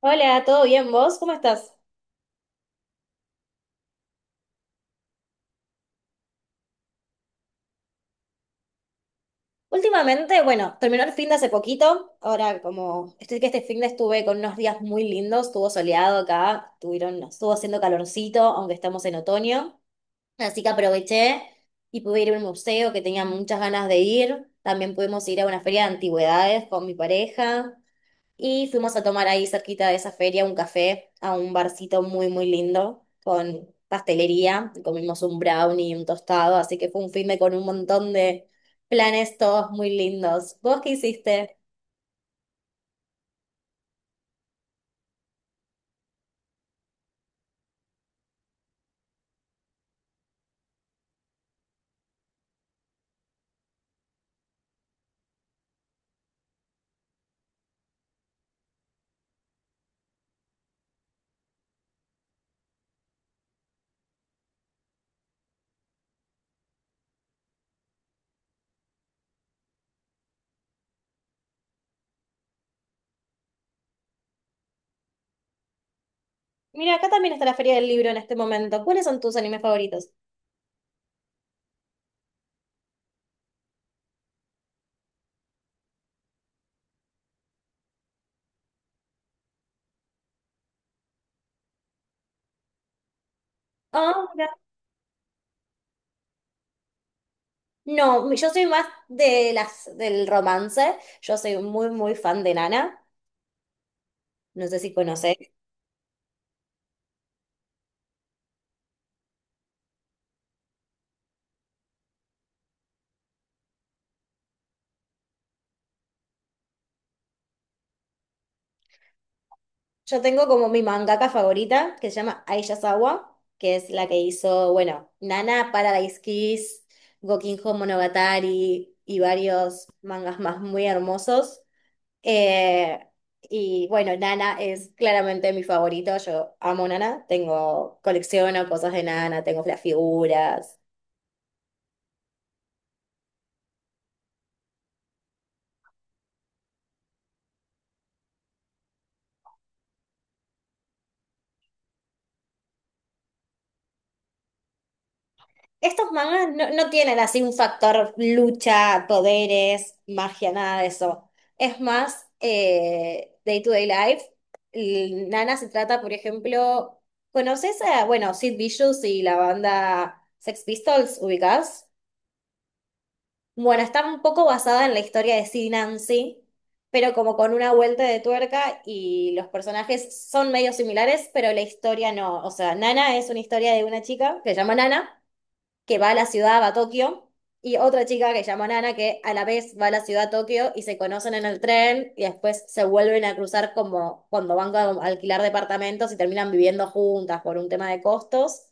Hola, ¿todo bien vos? ¿Cómo estás? Últimamente, bueno, terminó el fin de hace poquito. Ahora, como estoy que este fin de estuve con unos días muy lindos, estuvo soleado acá, tuvieron, estuvo haciendo calorcito, aunque estamos en otoño. Así que aproveché y pude ir a un museo que tenía muchas ganas de ir. También pudimos ir a una feria de antigüedades con mi pareja. Y fuimos a tomar ahí cerquita de esa feria un café a un barcito muy, muy lindo con pastelería. Y comimos un brownie y un tostado, así que fue un fin de con un montón de planes todos muy lindos. ¿Vos qué hiciste? Mira, acá también está la Feria del Libro en este momento. ¿Cuáles son tus animes favoritos? Ah, mira. No, yo soy más de las, del romance. Yo soy muy, muy fan de Nana. No sé si conoces. Yo tengo como mi mangaka favorita, que se llama Aisha que es la que hizo, bueno, Nana, Paradise Kiss, Gokinjo Monogatari y varios mangas más muy hermosos. Eh, y bueno, Nana es claramente mi favorito. Yo amo Nana. Tengo, colecciono cosas de Nana, tengo las figuras. Estos mangas no, no tienen así un factor lucha, poderes, magia, nada de eso. Es más, day to day life. Nana se trata, por ejemplo, ¿conoces a, bueno, Sid Vicious y la banda Sex Pistols, ubicás? Bueno, está un poco basada en la historia de Sid y Nancy, pero como con una vuelta de tuerca y los personajes son medio similares, pero la historia no. O sea, Nana es una historia de una chica que se llama Nana que va a la ciudad, va a Tokio, y otra chica que se llama Nana, que a la vez va a la ciudad a Tokio y se conocen en el tren y después se vuelven a cruzar como cuando van a alquilar departamentos y terminan viviendo juntas por un tema de costos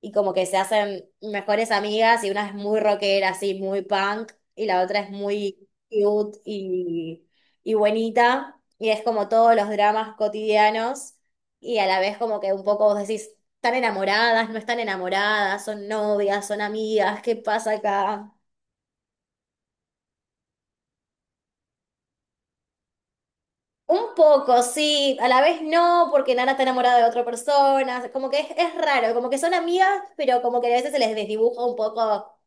y como que se hacen mejores amigas y una es muy rockera, así, muy punk, y la otra es muy cute y, buenita, y es como todos los dramas cotidianos, y a la vez como que un poco vos decís, están enamoradas, no están enamoradas, son novias, son amigas, ¿qué pasa acá? Un poco, sí, a la vez no, porque Nana está enamorada de otra persona, como que es raro, como que son amigas, pero como que a veces se les desdibuja un poco.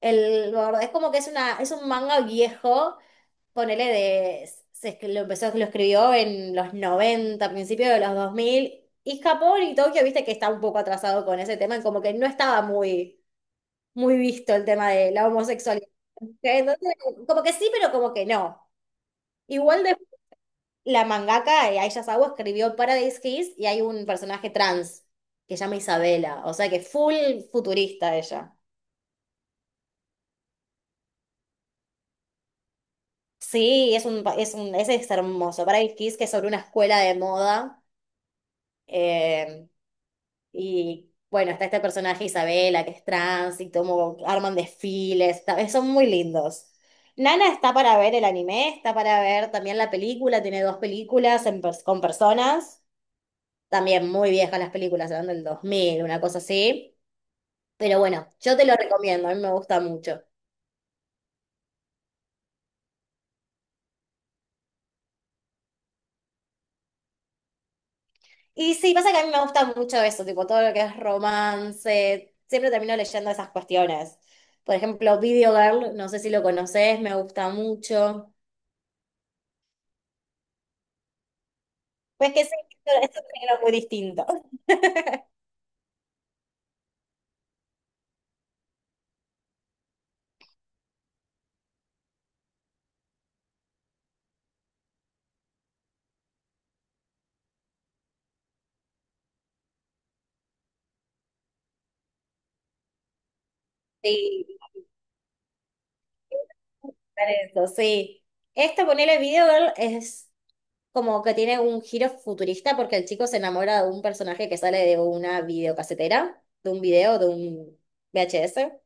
El gordo, es como que es una, es un manga viejo, ponele de, lo empezó, lo escribió en los 90 principios de los 2000 y Japón y Tokio, viste que está un poco atrasado con ese tema, y como que no estaba muy, muy visto el tema de la homosexualidad. Entonces, como que sí, pero como que no. Igual de la mangaka Aisha Sawa escribió Paradise Kiss y hay un personaje trans que se llama Isabela, o sea que full futurista ella. Sí, es un, es un, ese es hermoso. Paradise Kiss, que es sobre una escuela de moda. eh, y bueno, está este personaje Isabela, que es trans, y como arman desfiles. Son muy lindos. Nana está para ver el anime, está para ver también la película. Tiene dos películas con personas. También muy viejas las películas, eran del 2000 una cosa así. Pero bueno, yo te lo recomiendo, a mí me gusta mucho. Y sí, pasa que a mí me gusta mucho eso, tipo todo lo que es romance. Siempre termino leyendo esas cuestiones. Por ejemplo, Video Girl, no sé si lo conoces, me gusta mucho. Pues que sí, esto es un género muy distinto. Sí, por eso, sí. Este, ponele Video Girl, es como que tiene un giro futurista porque el chico se enamora de un personaje que sale de una videocasetera, de un video, de un VHS,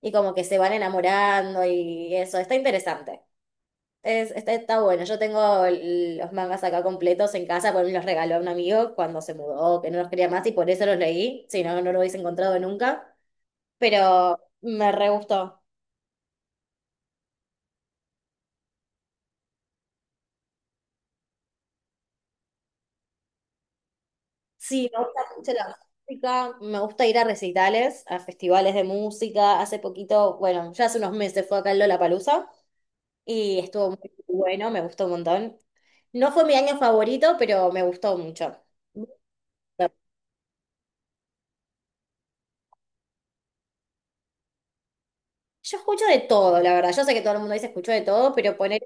y como que se van enamorando y eso, está interesante. Está bueno. Yo tengo los mangas acá completos en casa, porque me los regaló un amigo cuando se mudó, que no los quería más y por eso los leí. Si no, no lo hubiese encontrado nunca. Pero me re gustó. Sí, me gusta mucho la música. Me gusta ir a recitales, a festivales de música. Hace poquito, bueno, ya hace unos meses fue acá el Lollapalooza y estuvo muy bueno, me gustó un montón. No fue mi año favorito, pero me gustó mucho. Yo escucho de todo, la verdad. Yo sé que todo el mundo dice escucho de todo, pero poner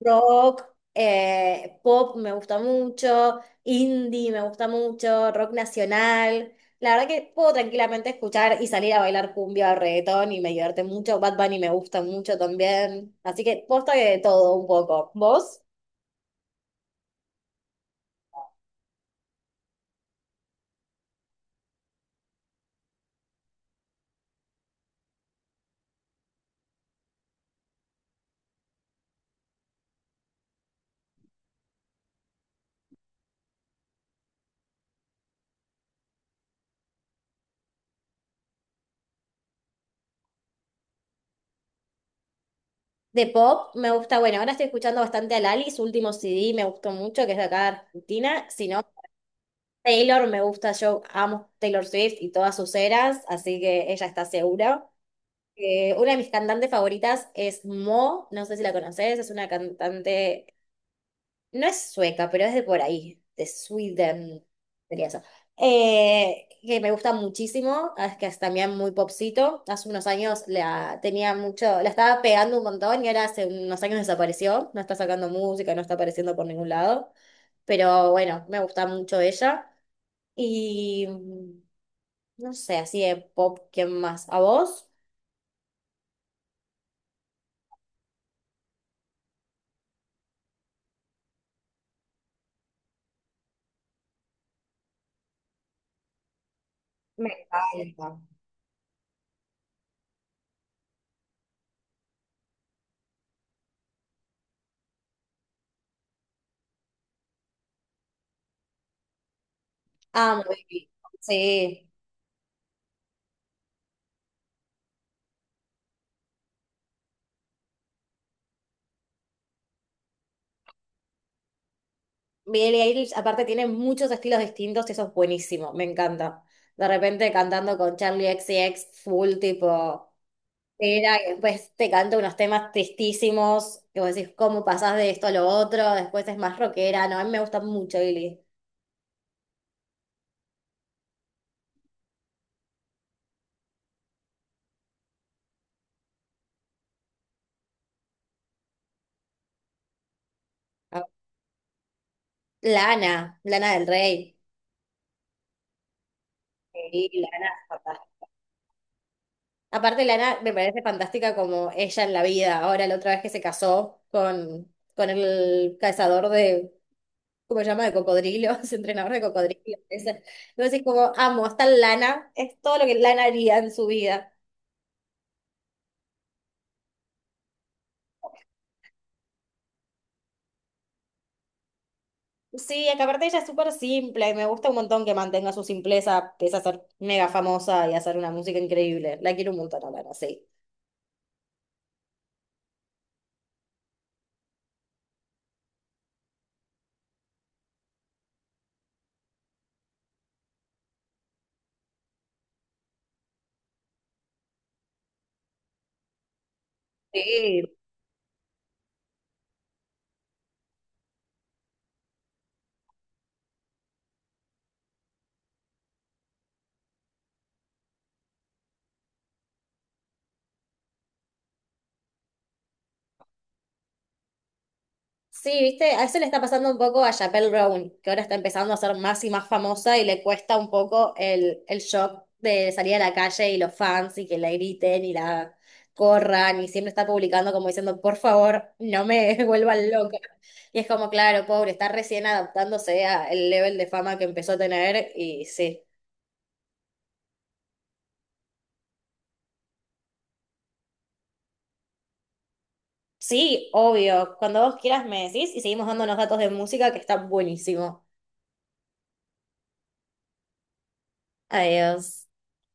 rock, pop me gusta mucho, indie me gusta mucho, rock nacional. La verdad que puedo tranquilamente escuchar y salir a bailar cumbia o reggaetón y me divierte mucho. Bad Bunny me gusta mucho también. Así que posta que de todo un poco. ¿Vos? De pop me gusta, bueno, ahora estoy escuchando bastante a Lali, su último CD me gustó mucho, que es de acá de Argentina. Si no, Taylor me gusta, yo amo Taylor Swift y todas sus eras, así que ella está segura. Una de mis cantantes favoritas es Mo, no sé si la conoces, es una cantante, no es sueca, pero es de por ahí, de Sweden, sería eso. Que me gusta muchísimo, ah, es que es también muy popcito. Hace unos años la tenía mucho, la estaba pegando un montón y ahora hace unos años desapareció, no está sacando música, no está apareciendo por ningún lado, pero bueno, me gusta mucho ella. Y no sé, así de pop, ¿quién más? ¿A vos? Me encanta. Amo Billie. Sí. Billie Eilish, aparte, tiene muchos estilos distintos y eso es buenísimo. Me encanta. De repente cantando con Charlie XCX full tipo. Era, y después te canta unos temas tristísimos, que vos decís, ¿cómo pasás de esto a lo otro? Después es más rockera, no, a mí me gusta mucho Billie. Ah, Lana, Lana del Rey. Sí, Lana, aparte, Lana me parece fantástica como ella en la vida. Ahora, la otra vez que se casó con el cazador de, ¿cómo se llama? De cocodrilos, entrenador de cocodrilos. Ese. Entonces, como amo, está Lana, es todo lo que Lana haría en su vida. Sí, acá aparte ella es súper simple y me gusta un montón que mantenga su simpleza, pese a ser mega famosa y hacer una música increíble. La quiero un montón a Lana, sí. Sí, sí, viste, a eso le está pasando un poco a Chappelle Brown, que ahora está empezando a ser más y más famosa y le cuesta un poco el shock de salir a la calle y los fans y que la griten y la corran y siempre está publicando como diciendo, por favor, no me vuelvan loca. Y es como, claro, pobre, está recién adaptándose al level de fama que empezó a tener y sí. Sí, obvio, cuando vos quieras me decís y seguimos dándonos datos de música que está buenísimo. Adiós.